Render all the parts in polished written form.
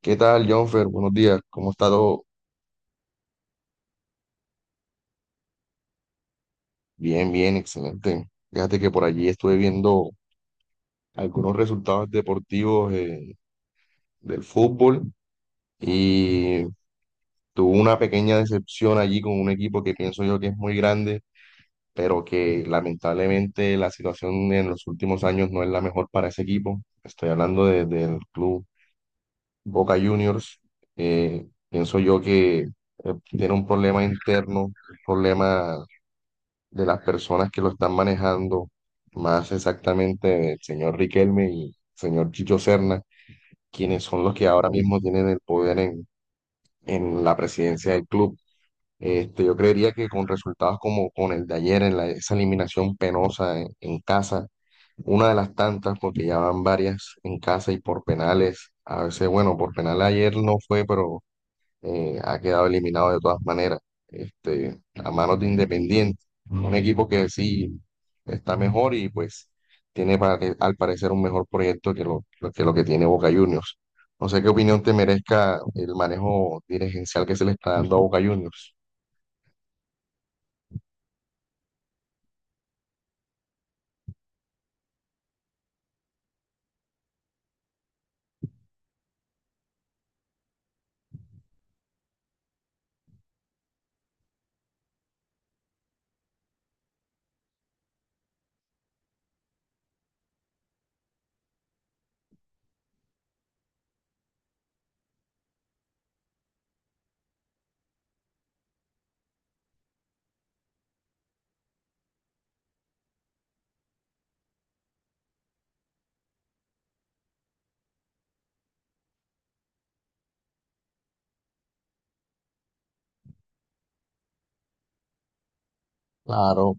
¿Qué tal, Jonfer? Buenos días. ¿Cómo está todo? Bien, bien, excelente. Fíjate que por allí estuve viendo algunos resultados deportivos del fútbol y tuve una pequeña decepción allí con un equipo que pienso yo que es muy grande, pero que lamentablemente la situación en los últimos años no es la mejor para ese equipo. Estoy hablando del club Boca Juniors. Pienso yo que tiene un problema interno, un problema de las personas que lo están manejando, más exactamente el señor Riquelme y el señor Chicho Serna, quienes son los que ahora mismo tienen el poder en la presidencia del club. Este, yo creería que con resultados como con el de ayer, esa eliminación penosa en casa, una de las tantas, porque ya van varias en casa y por penales, a veces, bueno, por penal ayer no fue, pero ha quedado eliminado de todas maneras, este, a manos de Independiente, un equipo que sí está mejor y pues tiene al parecer un mejor proyecto que lo que tiene Boca Juniors. No sé qué opinión te merezca el manejo dirigencial que se le está dando a Boca Juniors. Claro,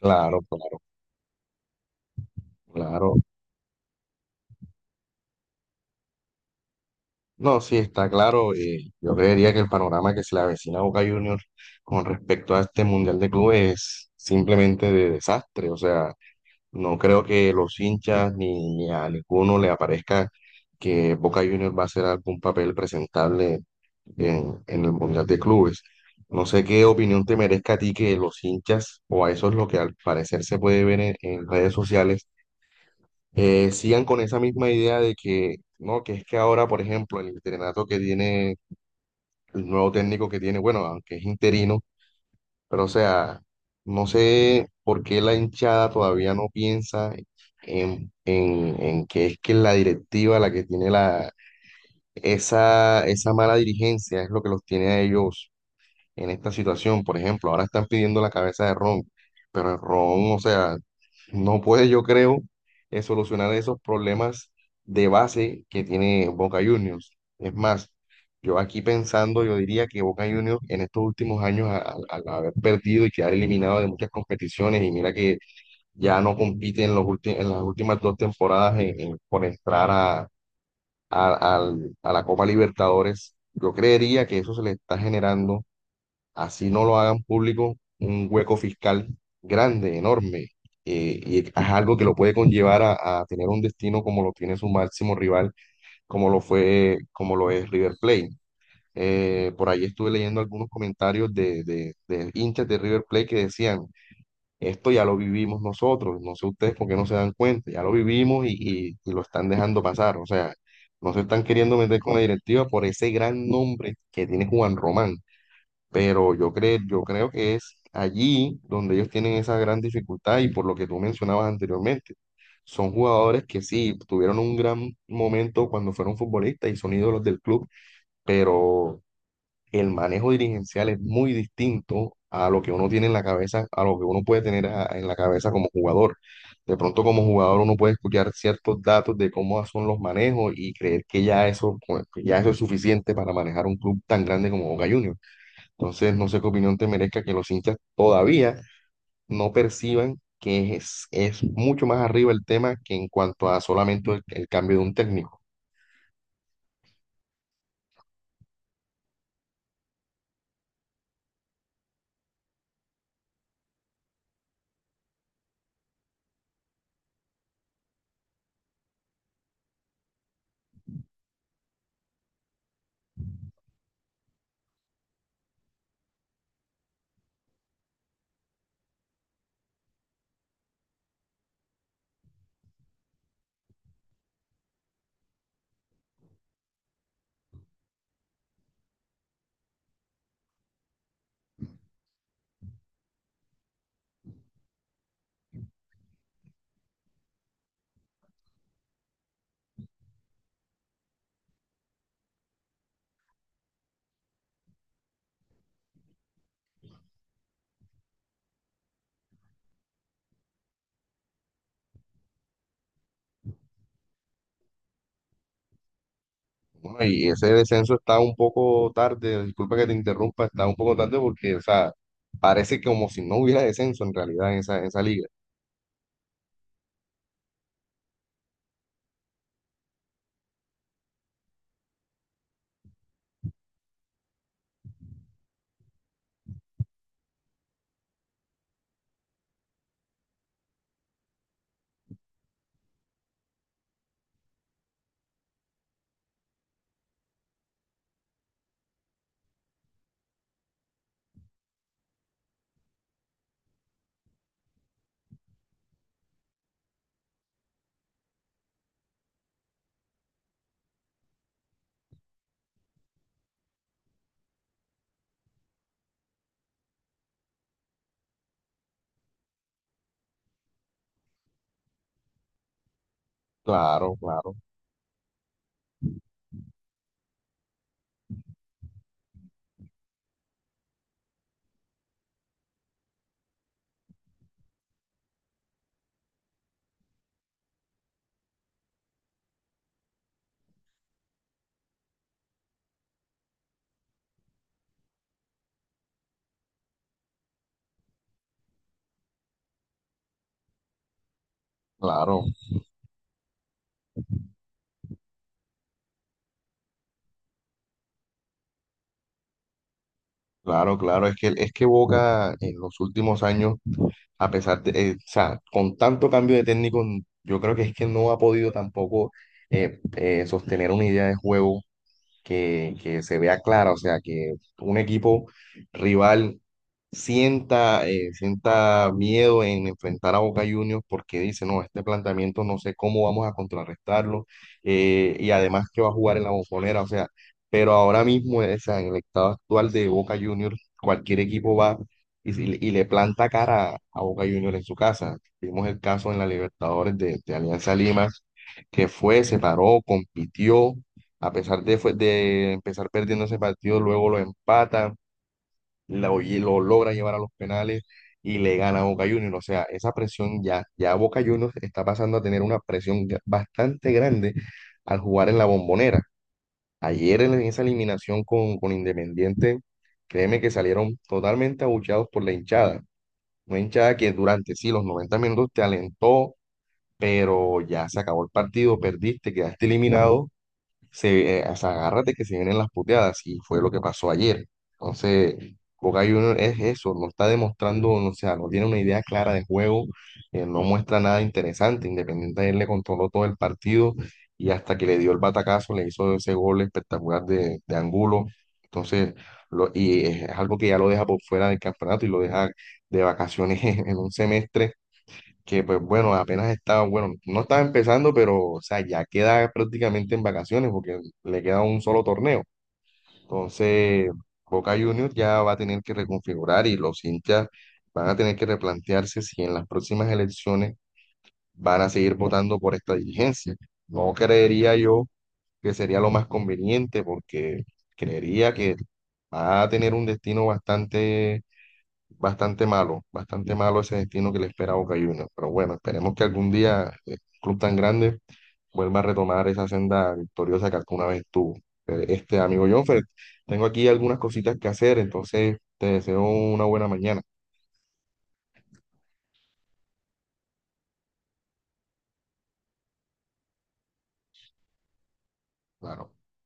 claro, claro, claro. No, sí, está claro. Yo creería que el panorama que se le avecina a Boca Juniors con respecto a este Mundial de Clubes es simplemente de desastre. O sea, no creo que los hinchas ni a ninguno le aparezca que Boca Juniors va a hacer algún papel presentable en el Mundial de Clubes. No sé qué opinión te merezca a ti que los hinchas, o a eso es lo que al parecer se puede ver en redes sociales, sigan con esa misma idea de que, no, que es que ahora, por ejemplo, el entrenato que tiene, el nuevo técnico que tiene, bueno, aunque es interino, pero, o sea, no sé por qué la hinchada todavía no piensa en que es la directiva la que tiene esa mala dirigencia, es lo que los tiene a ellos en esta situación. Por ejemplo, ahora están pidiendo la cabeza de Ron, pero el Ron, o sea, no puede, yo creo, solucionar esos problemas de base que tiene Boca Juniors. Es más, yo aquí pensando, yo diría que Boca Juniors en estos últimos años, al haber perdido y quedar eliminado de muchas competiciones, y mira que ya no compite en los en las últimas dos temporadas por entrar a la Copa Libertadores, yo creería que eso se le está generando así no lo hagan público, un hueco fiscal grande, enorme, y es algo que lo puede conllevar a tener un destino como lo tiene su máximo rival, como lo fue, como lo es River Plate. Por ahí estuve leyendo algunos comentarios de hinchas de River Plate que decían, esto ya lo vivimos nosotros, no sé ustedes por qué no se dan cuenta, ya lo vivimos y lo están dejando pasar, o sea, no se están queriendo meter con la directiva por ese gran nombre que tiene Juan Román, pero yo creo que es allí donde ellos tienen esa gran dificultad y por lo que tú mencionabas anteriormente. Son jugadores que sí, tuvieron un gran momento cuando fueron futbolistas y son ídolos del club, pero el manejo dirigencial es muy distinto a lo que uno tiene en la cabeza, a lo que uno puede tener en la cabeza como jugador. De pronto como jugador uno puede escuchar ciertos datos de cómo son los manejos y creer que ya eso, pues, que ya eso es suficiente para manejar un club tan grande como Boca Juniors. Entonces, no sé qué opinión te merezca que los hinchas todavía no perciban que es mucho más arriba el tema que en cuanto a solamente el cambio de un técnico. Bueno, y ese descenso está un poco tarde, disculpa que te interrumpa, está un poco tarde porque, o sea, parece como si no hubiera descenso en realidad en en esa liga. Claro, claro, claro, claro, claro. Es que Boca en los últimos años a pesar de, o sea, con tanto cambio de técnico, yo creo que es que no ha podido tampoco sostener una idea de juego que se vea clara, o sea, que un equipo rival sienta miedo en enfrentar a Boca Juniors porque dice, no, este planteamiento no sé cómo vamos a contrarrestarlo, y además que va a jugar en la Bombonera, o sea, pero ahora mismo, o sea, en el estado actual de Boca Juniors, cualquier equipo va y, si- y le planta cara a Boca Juniors en su casa. Vimos el caso en la Libertadores de Alianza Lima, que fue, se paró, compitió. A pesar de empezar perdiendo ese partido, luego lo empatan, lo logra llevar a los penales y le gana a Boca Juniors. O sea, esa presión, ya Boca Juniors está pasando a tener una presión bastante grande al jugar en la Bombonera. Ayer en esa eliminación con Independiente, créeme que salieron totalmente abucheados por la hinchada. Una hinchada que durante sí los 90 minutos te alentó, pero ya se acabó el partido, perdiste, quedaste eliminado. O sea, agárrate que se vienen las puteadas y fue lo que pasó ayer. Entonces, Boca Juniors es eso, no está demostrando, no, o sea, no tiene una idea clara de juego, no muestra nada interesante. Independiente él le controló todo el partido y hasta que le dio el batacazo le hizo ese gol espectacular de Angulo. Entonces, lo, y es algo que ya lo deja por fuera del campeonato y lo deja de vacaciones en un semestre que pues bueno, apenas estaba, bueno, no estaba empezando, pero o sea, ya queda prácticamente en vacaciones porque le queda un solo torneo. Entonces, Boca Juniors ya va a tener que reconfigurar y los hinchas van a tener que replantearse si en las próximas elecciones van a seguir votando por esta dirigencia. No creería yo que sería lo más conveniente porque creería que va a tener un destino bastante, bastante malo, bastante malo ese destino que le espera a Boca Juniors. Pero bueno, esperemos que algún día un club tan grande vuelva a retomar esa senda victoriosa que alguna vez tuvo. Este amigo Jonfer, tengo aquí algunas cositas que hacer, entonces te deseo una buena mañana. Claro.